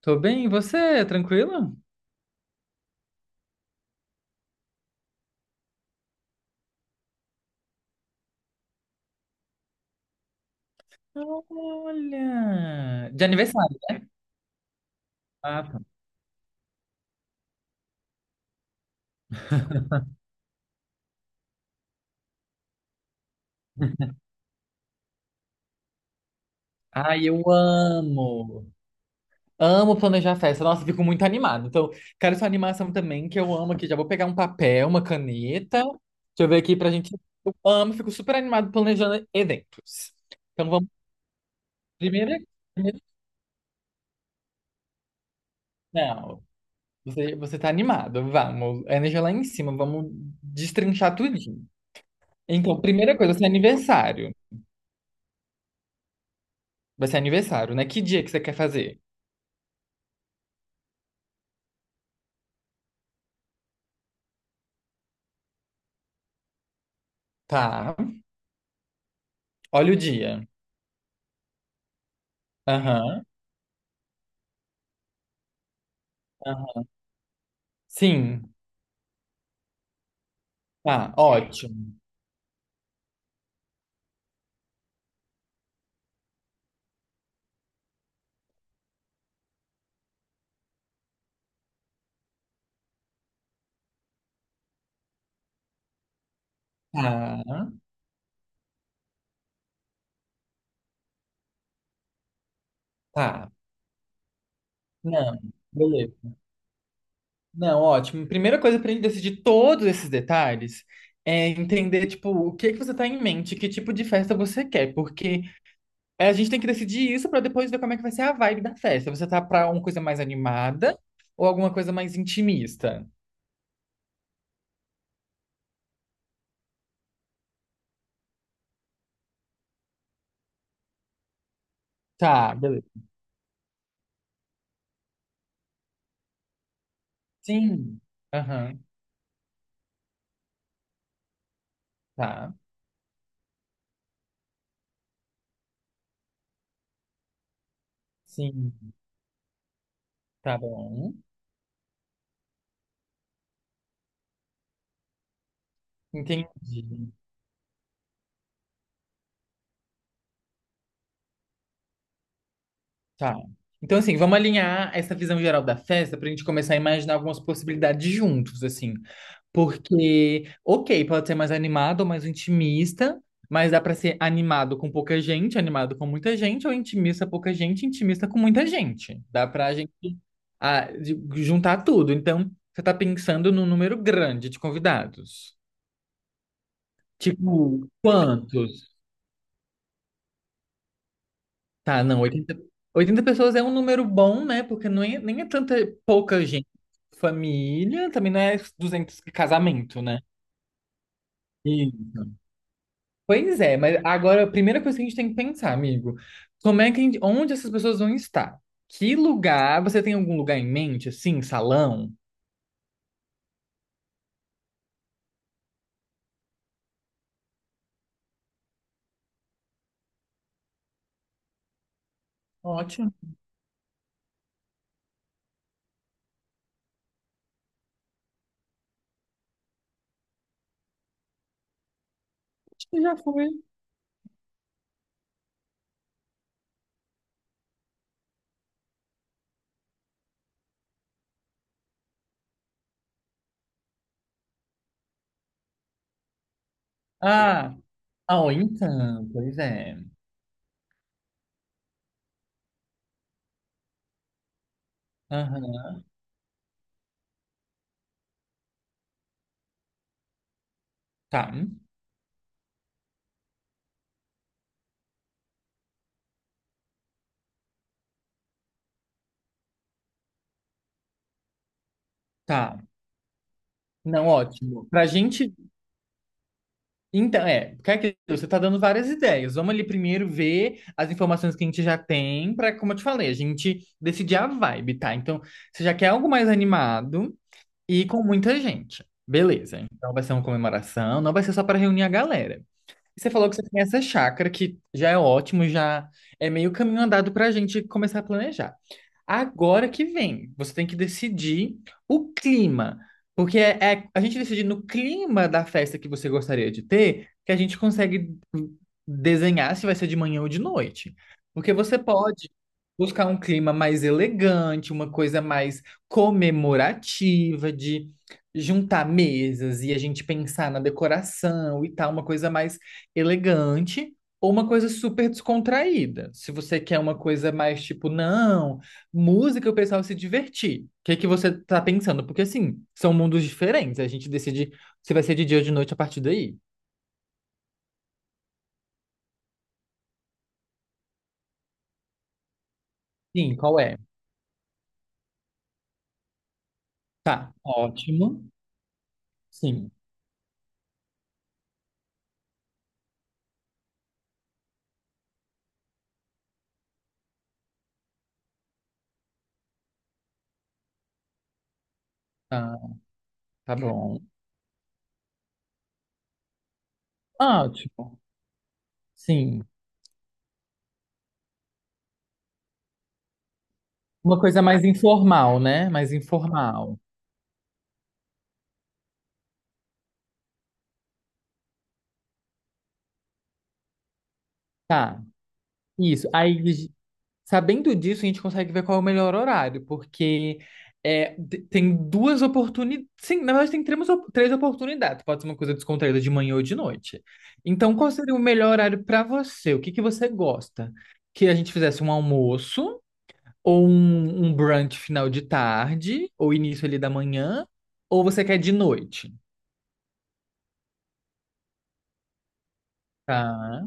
Tô bem, e você? Tranquilo? Olha! De aniversário, né? Ah, tá. Ai, eu amo! Amo planejar festa. Nossa, fico muito animado. Então, quero sua animação também, que eu amo aqui. Já vou pegar um papel, uma caneta. Deixa eu ver aqui pra gente. Eu amo, fico super animado planejando eventos. Então, vamos. Primeiro, primeiro- não. Você tá animado. Vamos. A energia lá em cima. Vamos destrinchar tudinho. Então, primeira coisa, seu aniversário. Vai ser aniversário, né? Que dia que você quer fazer? Tá. Olha o dia. Aham. Aham. Sim. Tá, ótimo. Tá. Tá. Não, beleza. Não, ótimo. Primeira coisa pra gente decidir todos esses detalhes é entender, tipo, o que que você tá em mente, que tipo de festa você quer, porque a gente tem que decidir isso pra depois ver como é que vai ser a vibe da festa. Você tá pra uma coisa mais animada ou alguma coisa mais intimista? Tá, beleza. Sim. Aham. Tá. Sim. Tá bom. Entendi. Tá. Então, assim, vamos alinhar essa visão geral da festa pra gente começar a imaginar algumas possibilidades juntos, assim. Porque, ok, pode ser mais animado ou mais intimista, mas dá pra ser animado com pouca gente, animado com muita gente, ou intimista pouca gente, intimista com muita gente. Dá pra gente ah, de- juntar tudo. Então, você tá pensando num número grande de convidados. Tipo, quantos? Tá, não, oitenta pessoas é um número bom, né? Porque não é, nem é tanta pouca gente. Família também não é 200 de casamento, né? Isso. Pois é, mas agora a primeira coisa que a gente tem que pensar, amigo, como é que a gente, onde essas pessoas vão estar? Que lugar? Você tem algum lugar em mente, assim, salão? Ótimo. Acho que já foi. Ah, ah, ó, então, pois é. Aham. Tá, tá. Não, ótimo. Pra gente Então, é, porque é aquilo, você tá dando várias ideias. Vamos ali primeiro ver as informações que a gente já tem para, como eu te falei, a gente decidir a vibe, tá? Então, você já quer algo mais animado e com muita gente. Beleza. Então vai ser uma comemoração, não vai ser só para reunir a galera. E você falou que você tem essa chácara que já é ótimo, já é meio caminho andado para a gente começar a planejar. Agora que vem, você tem que decidir o clima, porque é a gente decidir no clima da festa que você gostaria de ter, que a gente consegue desenhar se vai ser de manhã ou de noite. Porque você pode buscar um clima mais elegante, uma coisa mais comemorativa, de juntar mesas e a gente pensar na decoração e tal, uma coisa mais elegante. Ou uma coisa super descontraída. Se você quer uma coisa mais tipo, não, música e o pessoal se divertir. O que é que você tá pensando? Porque, assim, são mundos diferentes. A gente decide se vai ser de dia ou de noite a partir daí. Sim, qual é? Tá, ótimo. Sim. Ah, tá bom. Ótimo. Sim. Uma coisa mais informal, né? Mais informal. Tá. Isso. Aí, sabendo disso, a gente consegue ver qual é o melhor horário, porque tem duas oportunidades. Sim, na verdade, tem três oportunidades. Pode ser uma coisa descontraída de manhã ou de noite. Então, qual seria o melhor horário para você? O que que você gosta? Que a gente fizesse um almoço, ou um brunch final de tarde, ou início ali da manhã, ou você quer de noite? Tá,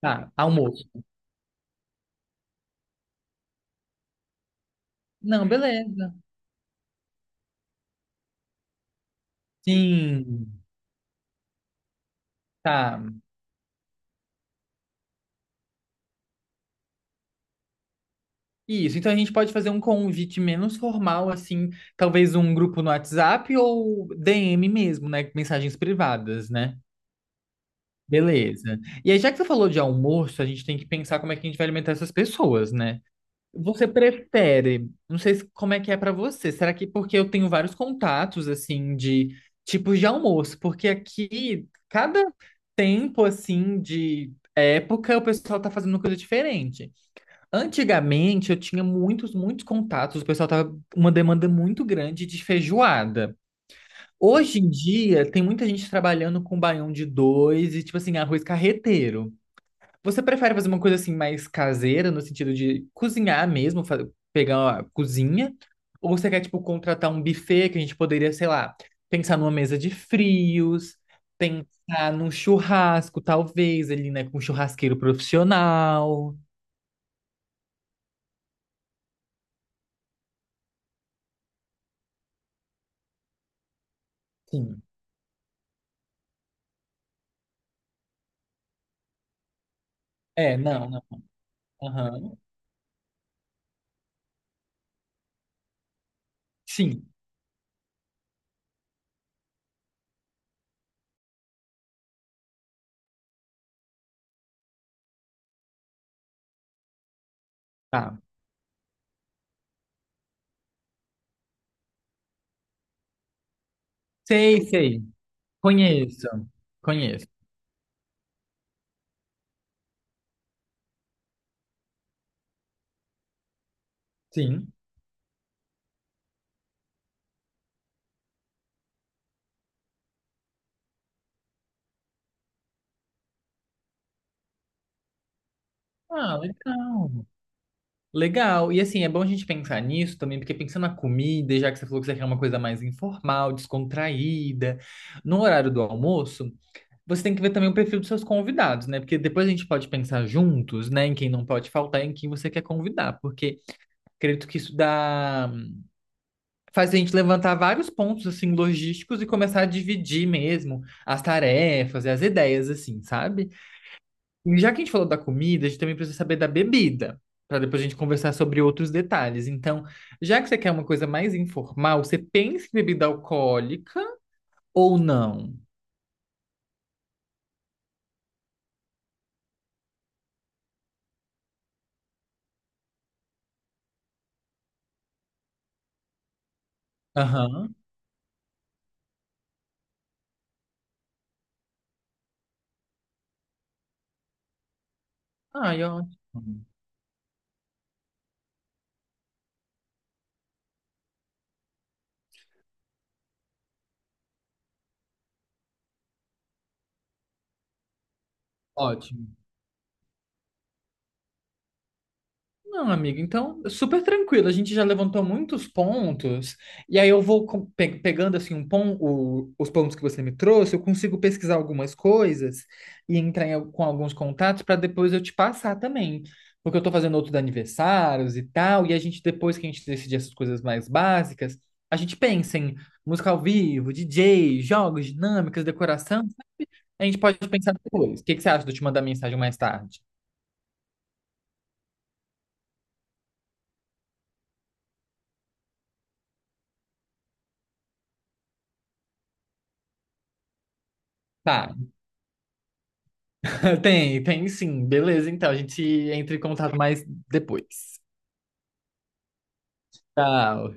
tá, almoço. Não, beleza. Sim, tá. Isso, então a gente pode fazer um convite menos formal, assim, talvez um grupo no WhatsApp ou DM mesmo, né? Mensagens privadas, né? Beleza. E aí, já que você falou de almoço, a gente tem que pensar como é que a gente vai alimentar essas pessoas, né? Você prefere, não sei como é que é pra você, será que porque eu tenho vários contatos, assim, de tipos de almoço, porque aqui, cada tempo, assim, de época, o pessoal tá fazendo coisa diferente. Antigamente eu tinha muitos, muitos contatos, o pessoal tava com uma demanda muito grande de feijoada. Hoje em dia tem muita gente trabalhando com baião de dois e tipo assim, arroz carreteiro. Você prefere fazer uma coisa assim mais caseira, no sentido de cozinhar mesmo, pegar a cozinha? Ou você quer tipo contratar um buffet que a gente poderia, sei lá, pensar numa mesa de frios, pensar num churrasco, talvez ali, né, com um churrasqueiro profissional? Sim. É, não, não. Aham. Sim, tá. Sei, sei. Conheço. Conheço. Sim. Ah, legal. Legal. E assim, é bom a gente pensar nisso também, porque pensando na comida, e já que você falou que você quer uma coisa mais informal, descontraída, no horário do almoço, você tem que ver também o perfil dos seus convidados, né? Porque depois a gente pode pensar juntos, né, em quem não pode faltar e em quem você quer convidar, porque acredito que isso dá faz a gente levantar vários pontos assim logísticos e começar a dividir mesmo as tarefas e as ideias assim, sabe? E já que a gente falou da comida, a gente também precisa saber da bebida, para depois a gente conversar sobre outros detalhes. Então, já que você quer uma coisa mais informal, você pensa em bebida alcoólica ou não? Aham. Ai, ótimo. Ótimo. Não, amigo, então, super tranquilo. A gente já levantou muitos pontos, e aí eu vou pegando assim os pontos que você me trouxe, eu consigo pesquisar algumas coisas e entrar com alguns contatos para depois eu te passar também. Porque eu tô fazendo outros aniversários e tal, e a gente, depois que a gente decidir essas coisas mais básicas, a gente pensa em música ao vivo, DJ, jogos, dinâmicas, decoração. A gente pode pensar depois. O que que você acha de eu te mandar mensagem mais tarde? Tá. Tem sim. Beleza, então a gente entra em contato mais depois. Tchau.